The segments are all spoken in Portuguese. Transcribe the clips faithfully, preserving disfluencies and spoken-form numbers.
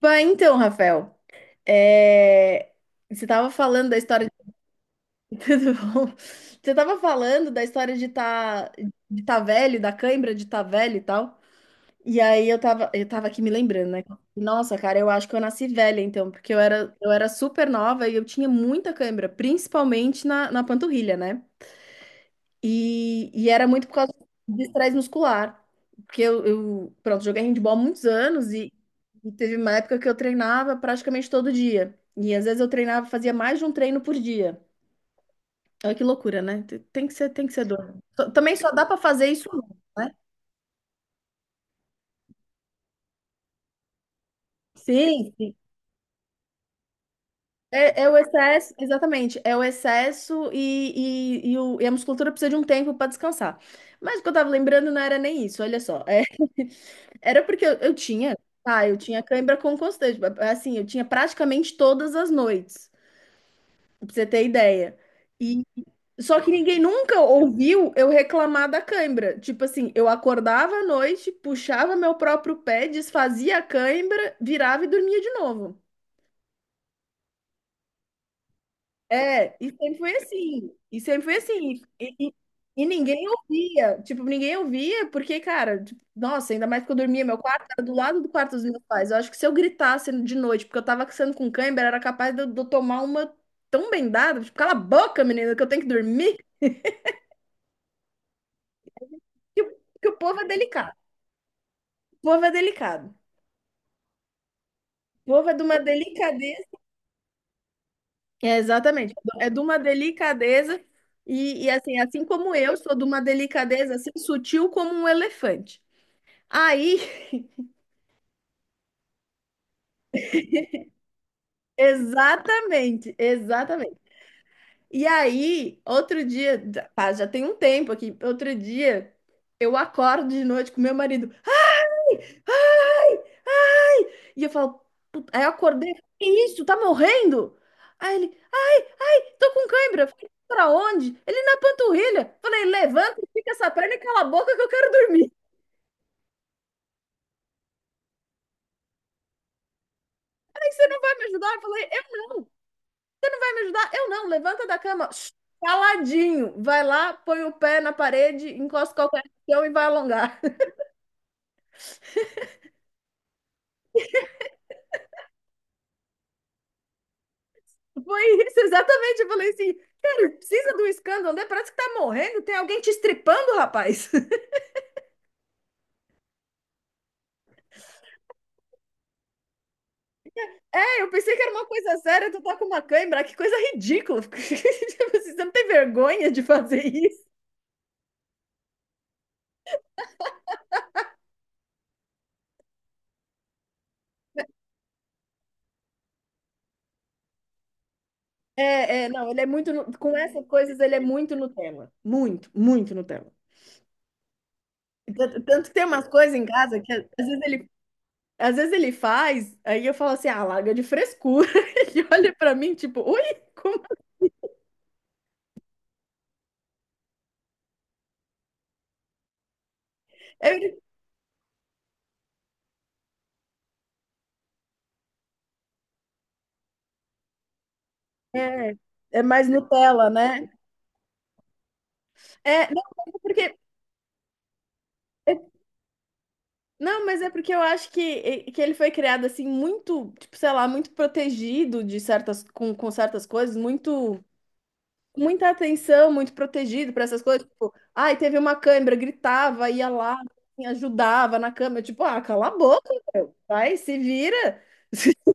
Bah, então, Rafael, é, você estava falando da história de... Tudo bom? Você estava falando da história de tá... de tá velho, da cãibra de tá velho e tal. E aí eu tava, eu tava aqui me lembrando, né? Nossa, cara, eu acho que eu nasci velha, então, porque eu era, eu era super nova e eu tinha muita cãibra, principalmente na, na panturrilha, né? E, e era muito por causa de estresse muscular. Porque eu, eu, pronto, joguei handball há muitos anos e, e teve uma época que eu treinava praticamente todo dia. E às vezes eu treinava, fazia mais de um treino por dia. Olha que loucura, né? Tem tem que ser, tem que ser dor. T- Também só dá para fazer isso, né? Sim, é, é o excesso, exatamente, é o excesso e, e, e o- e a musculatura precisa de um tempo para descansar. Mas o que eu tava lembrando não era nem isso, olha só. É. Era porque eu, eu tinha, tá, eu tinha cãibra com constante, assim, eu tinha praticamente todas as noites, pra você ter ideia. E só que ninguém nunca ouviu eu reclamar da cãibra. Tipo assim, eu acordava à noite, puxava meu próprio pé, desfazia a cãibra, virava e dormia de novo. É, e sempre foi assim. E sempre foi assim. E, e- e ninguém ouvia. Tipo, ninguém ouvia, porque, cara, tipo, nossa, ainda mais que eu dormia, meu quarto era do lado do quarto dos meus pais. Eu acho que se eu gritasse de noite, porque eu tava sendo com cãibra, era capaz de eu, de eu tomar uma tão bendada. Tipo, cala a boca, menina, que eu tenho que dormir. Que, o- que o povo é delicado. O povo é delicado. O povo é de uma delicadeza. É, exatamente. É de uma delicadeza. E, e assim, assim como eu sou de uma delicadeza assim, sutil como um elefante. Aí, exatamente, exatamente. E aí, outro dia, já- pá, já tem um tempo aqui, outro dia, eu acordo de noite com meu marido. Ai, ai! E eu falo, "Puta", aí eu acordei, que isso? Tá morrendo? Aí ele, tô com cãibra. Eu falei, pra onde? Ele na panturrilha. Eu falei, levanta, fica essa perna e cala a boca que eu quero dormir. Aí você não vai me ajudar? Eu falei, eu não. Me ajudar? Eu não, levanta da cama, caladinho, vai lá, põe o pé na parede, encosta qualquer chão e vai alongar. Foi isso, exatamente. Eu falei assim, cara, precisa do escândalo, né? Parece que tá morrendo, tem alguém te estripando, rapaz. É, eu pensei que era uma coisa séria, tu tá com uma cãibra, que coisa ridícula. Tipo assim, você não tem vergonha de fazer isso? É, é, não, ele é muito, no- com essas coisas, ele é muito no tema. Muito, muito Nutella. Tanto tanto que tem umas coisas em casa que às vezes ele Às vezes ele faz, aí eu falo assim, ah, larga de frescura. Ele olha pra mim, tipo, ui, como? É?" Ele, é, é mais Nutella, né? É, não, mas é porque, não, mas é porque eu acho que, que ele foi criado assim, muito, tipo, sei lá, muito protegido de certas, com, com certas coisas, muito, muita atenção, muito protegido pra essas coisas. Tipo, ai, teve uma câimbra, gritava, ia lá, assim, ajudava na câmera. Tipo, ah, cala a boca, meu. Vai, se vira.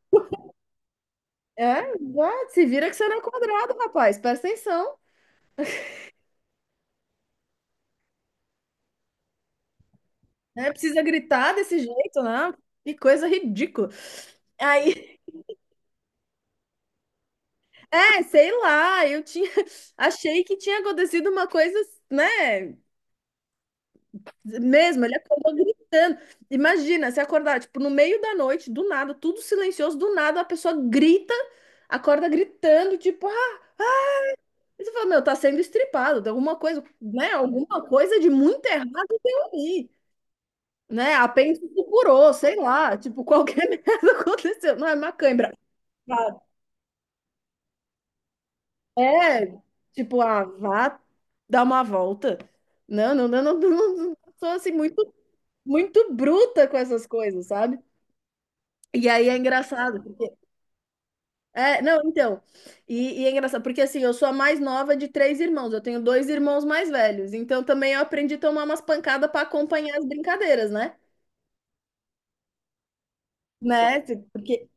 É, exato, se vira que você não é quadrado, rapaz. Presta atenção. Né? Precisa gritar desse jeito, né? Que coisa ridícula. Aí, é, sei lá, eu tinha, achei que tinha acontecido uma coisa, né? Mesmo, ele acordou gritando. Imagina, se acordar, tipo, no meio da noite, do nada, tudo silencioso, do nada, a pessoa grita, acorda gritando, tipo, ah, e você fala, meu, tá sendo estripado, tem alguma coisa, né? Alguma coisa de muito errado tem ali. Né? Apêndice furou, sei lá, tipo, qualquer merda aconteceu. Não é macãibra. Vá- É, tipo, ah, vá dar uma volta. Não, não, não, não, não, não, sou assim muito, muito bruta com essas coisas, sabe? E aí é engraçado, porque... É, não, então, e, e é engraçado, porque assim, eu sou a mais nova de três irmãos, eu tenho dois irmãos mais velhos, então também eu aprendi a tomar umas pancadas para acompanhar as brincadeiras, né? Né? Tipo, porque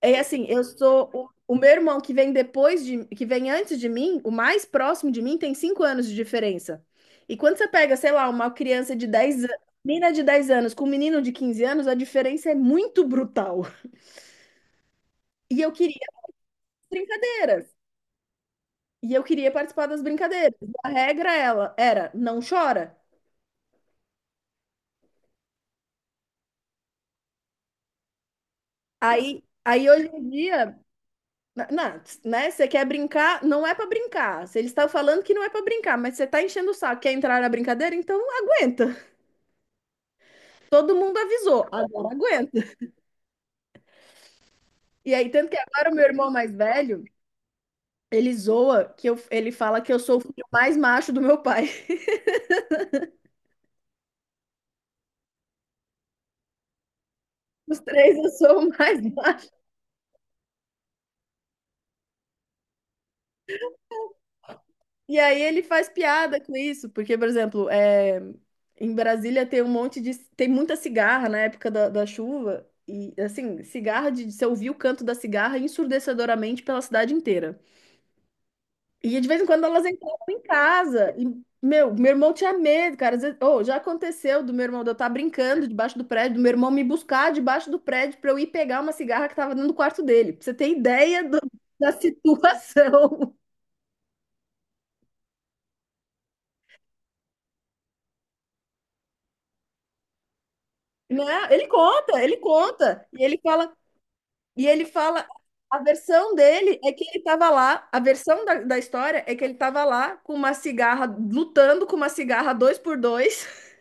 é assim, eu sou o, o meu irmão que vem depois de, que vem antes de mim, o mais próximo de mim tem cinco anos de diferença. E quando você pega, sei lá, uma criança de dez anos, menina de dez anos com um menino de quinze anos, a diferença é muito brutal. E eu queria as brincadeiras. E eu queria participar das brincadeiras. A regra ela era, não chora. Aí, aí hoje em dia, na- na- né, você quer brincar, não é pra brincar. Se eles estão falando que não é pra brincar, mas você tá enchendo o saco, quer entrar na brincadeira, então aguenta. Todo mundo avisou, agora aguenta. E aí, tanto que agora o meu irmão mais velho, ele zoa que eu, ele fala que eu sou o filho mais macho do meu pai. Os três eu sou o mais macho. E aí ele faz piada com isso, porque, por exemplo, é, em Brasília tem um monte de. Tem muita cigarra na época da, da chuva. E assim, cigarra de. Você ouvir o canto da cigarra ensurdecedoramente pela cidade inteira. E de vez em quando elas entravam em casa. E, meu, meu irmão tinha medo, cara. Às vezes, oh, já aconteceu do meu irmão, de eu estar brincando debaixo do prédio, do meu irmão me buscar debaixo do prédio pra eu ir pegar uma cigarra que tava dentro do quarto dele. Pra você ter ideia do- da situação. Né? Ele conta, ele conta. E ele fala, e ele fala, a versão dele é que ele tava lá, a versão da, da história é que ele tava lá com uma cigarra, lutando com uma cigarra dois por dois.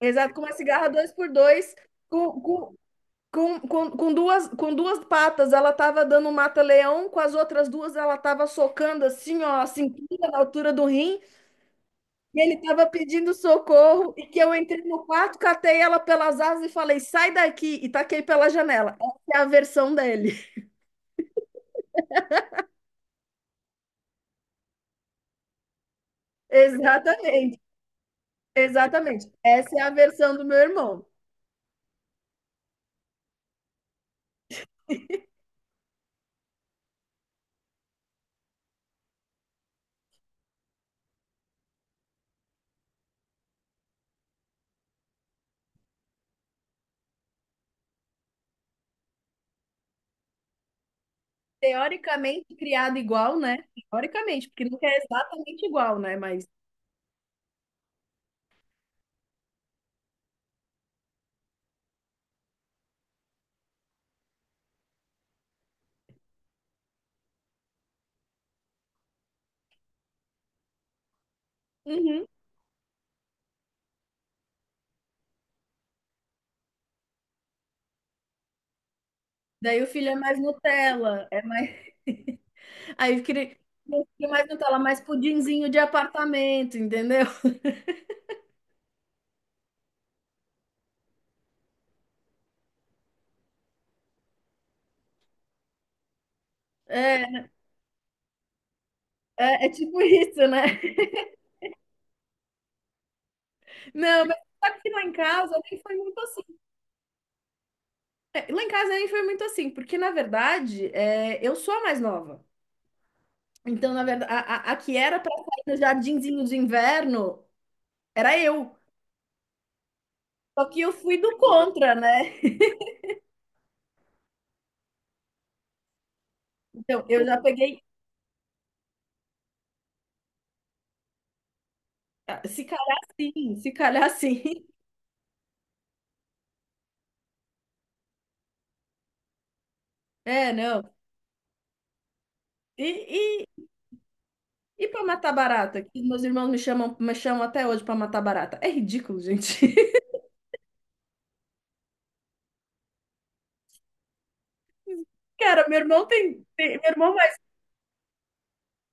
Exato, com uma cigarra dois por dois com, com, Com, com, com duas, com duas patas, ela tava dando um mata-leão, com as outras duas ela tava socando assim, ó, a cinquinha na altura do rim, e ele tava pedindo socorro, e que eu entrei no quarto, catei ela pelas asas e falei, sai daqui, e taquei pela janela. Essa é a versão dele. Exatamente, exatamente. Essa é a versão do meu irmão. Teoricamente criado igual, né? Teoricamente, porque nunca é exatamente igual, né? Mas, uhum. Daí o filho é mais Nutella, é mais... Aí queria queria mais Nutella, mais pudinzinho de apartamento, entendeu? É, é, é tipo isso, né? Não, mas só que lá em casa nem foi muito assim. É, lá em casa nem foi muito assim, porque na verdade é, eu sou a mais nova. Então, na verdade, a, a, a que era para sair no jardinzinho de inverno era eu. Só que eu fui do contra, né? Então, eu já peguei. Ah, se calhar sim, se calhar sim. É, não. E, E pra matar barata, que meus irmãos me chamam, me chamam até hoje pra matar barata. É ridículo, gente. Cara, meu irmão tem, tem- meu irmão mais,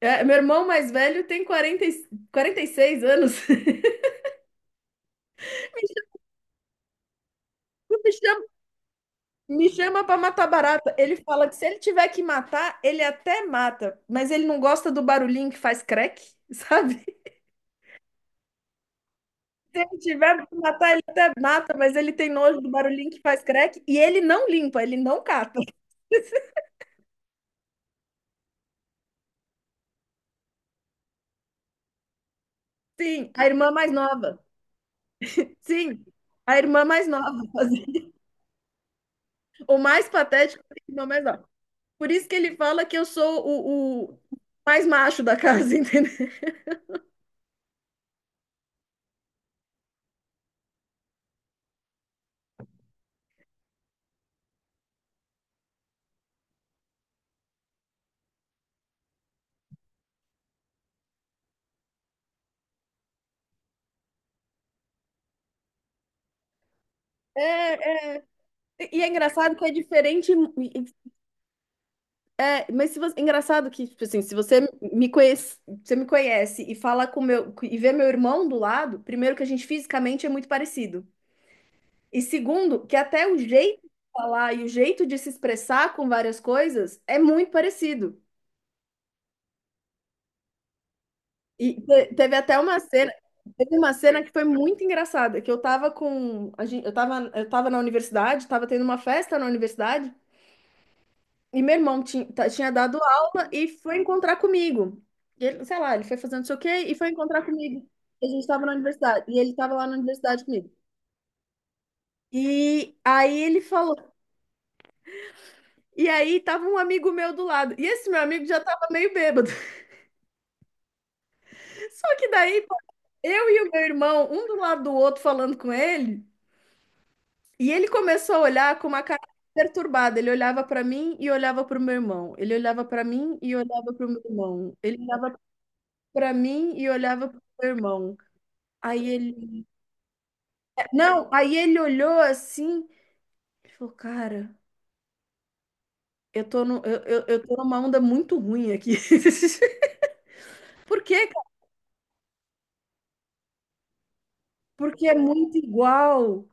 é, meu irmão mais velho tem quarenta e- quarenta e seis anos. Me chama, me chama para matar barata. Ele fala que se ele tiver que matar, ele até mata, mas ele não gosta do barulhinho que faz crack, sabe? Se ele tiver que matar, ele até mata, mas ele tem nojo do barulhinho que faz crack e ele não limpa, ele não cata. Sim, a irmã mais nova. Sim, a irmã mais nova. fazia. O mais patético é a irmã mais nova. Por isso que ele fala que eu sou o, o mais macho da casa, entendeu? É, é. E é engraçado que é diferente. É, mas se você, é engraçado que, tipo assim, se você me conhece, você me conhece e fala com meu e vê meu irmão do lado, primeiro que a gente fisicamente é muito parecido. E segundo, que até o jeito de falar e o jeito de se expressar com várias coisas é muito parecido. E te- teve até uma cena, Teve uma cena que foi muito engraçada, que eu tava com, a gente, eu tava, eu tava na universidade, tava tendo uma festa na universidade, e meu irmão tinha, tinha dado aula e foi encontrar comigo. E ele, sei lá, ele foi fazendo não sei o quê e foi encontrar comigo. E a gente tava na universidade, e ele tava lá na universidade comigo. E aí ele falou, e aí tava um amigo meu do lado, e esse meu amigo já tava meio bêbado. Só que daí, eu e o meu irmão, um do lado do outro falando com ele, e ele começou a olhar com uma cara perturbada. Ele olhava para mim e olhava para o meu irmão. Ele olhava para mim e olhava para o meu irmão. Ele olhava para mim e olhava para o meu irmão. Aí ele, não, aí ele olhou assim e falou, cara, eu tô no, eu, eu, eu tô numa onda muito ruim aqui. Por quê, cara? Porque é muito igual.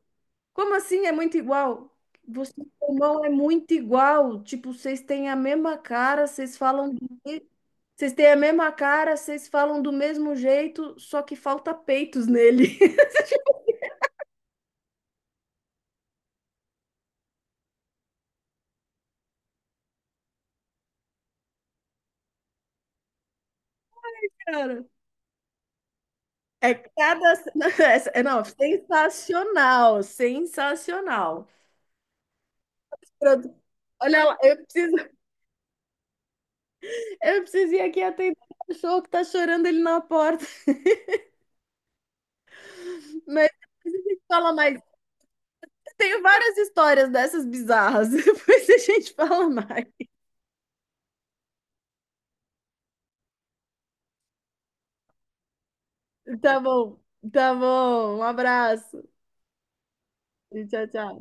Como assim é muito igual? Você e seu irmão é muito igual. Tipo, vocês têm a mesma cara, vocês falam do... me- vocês têm a mesma cara, vocês falam do mesmo jeito, só que falta peitos nele. Cara, é cada. Não, essa- é, não, sensacional, sensacional. Produ- Olha lá, eu preciso, eu preciso ir aqui atender o cachorro que tá chorando ele na porta. Mas depois a gente fala mais. Eu tenho várias histórias dessas bizarras. Depois a gente fala mais. Tá bom, tá bom. Um abraço. E tchau, tchau.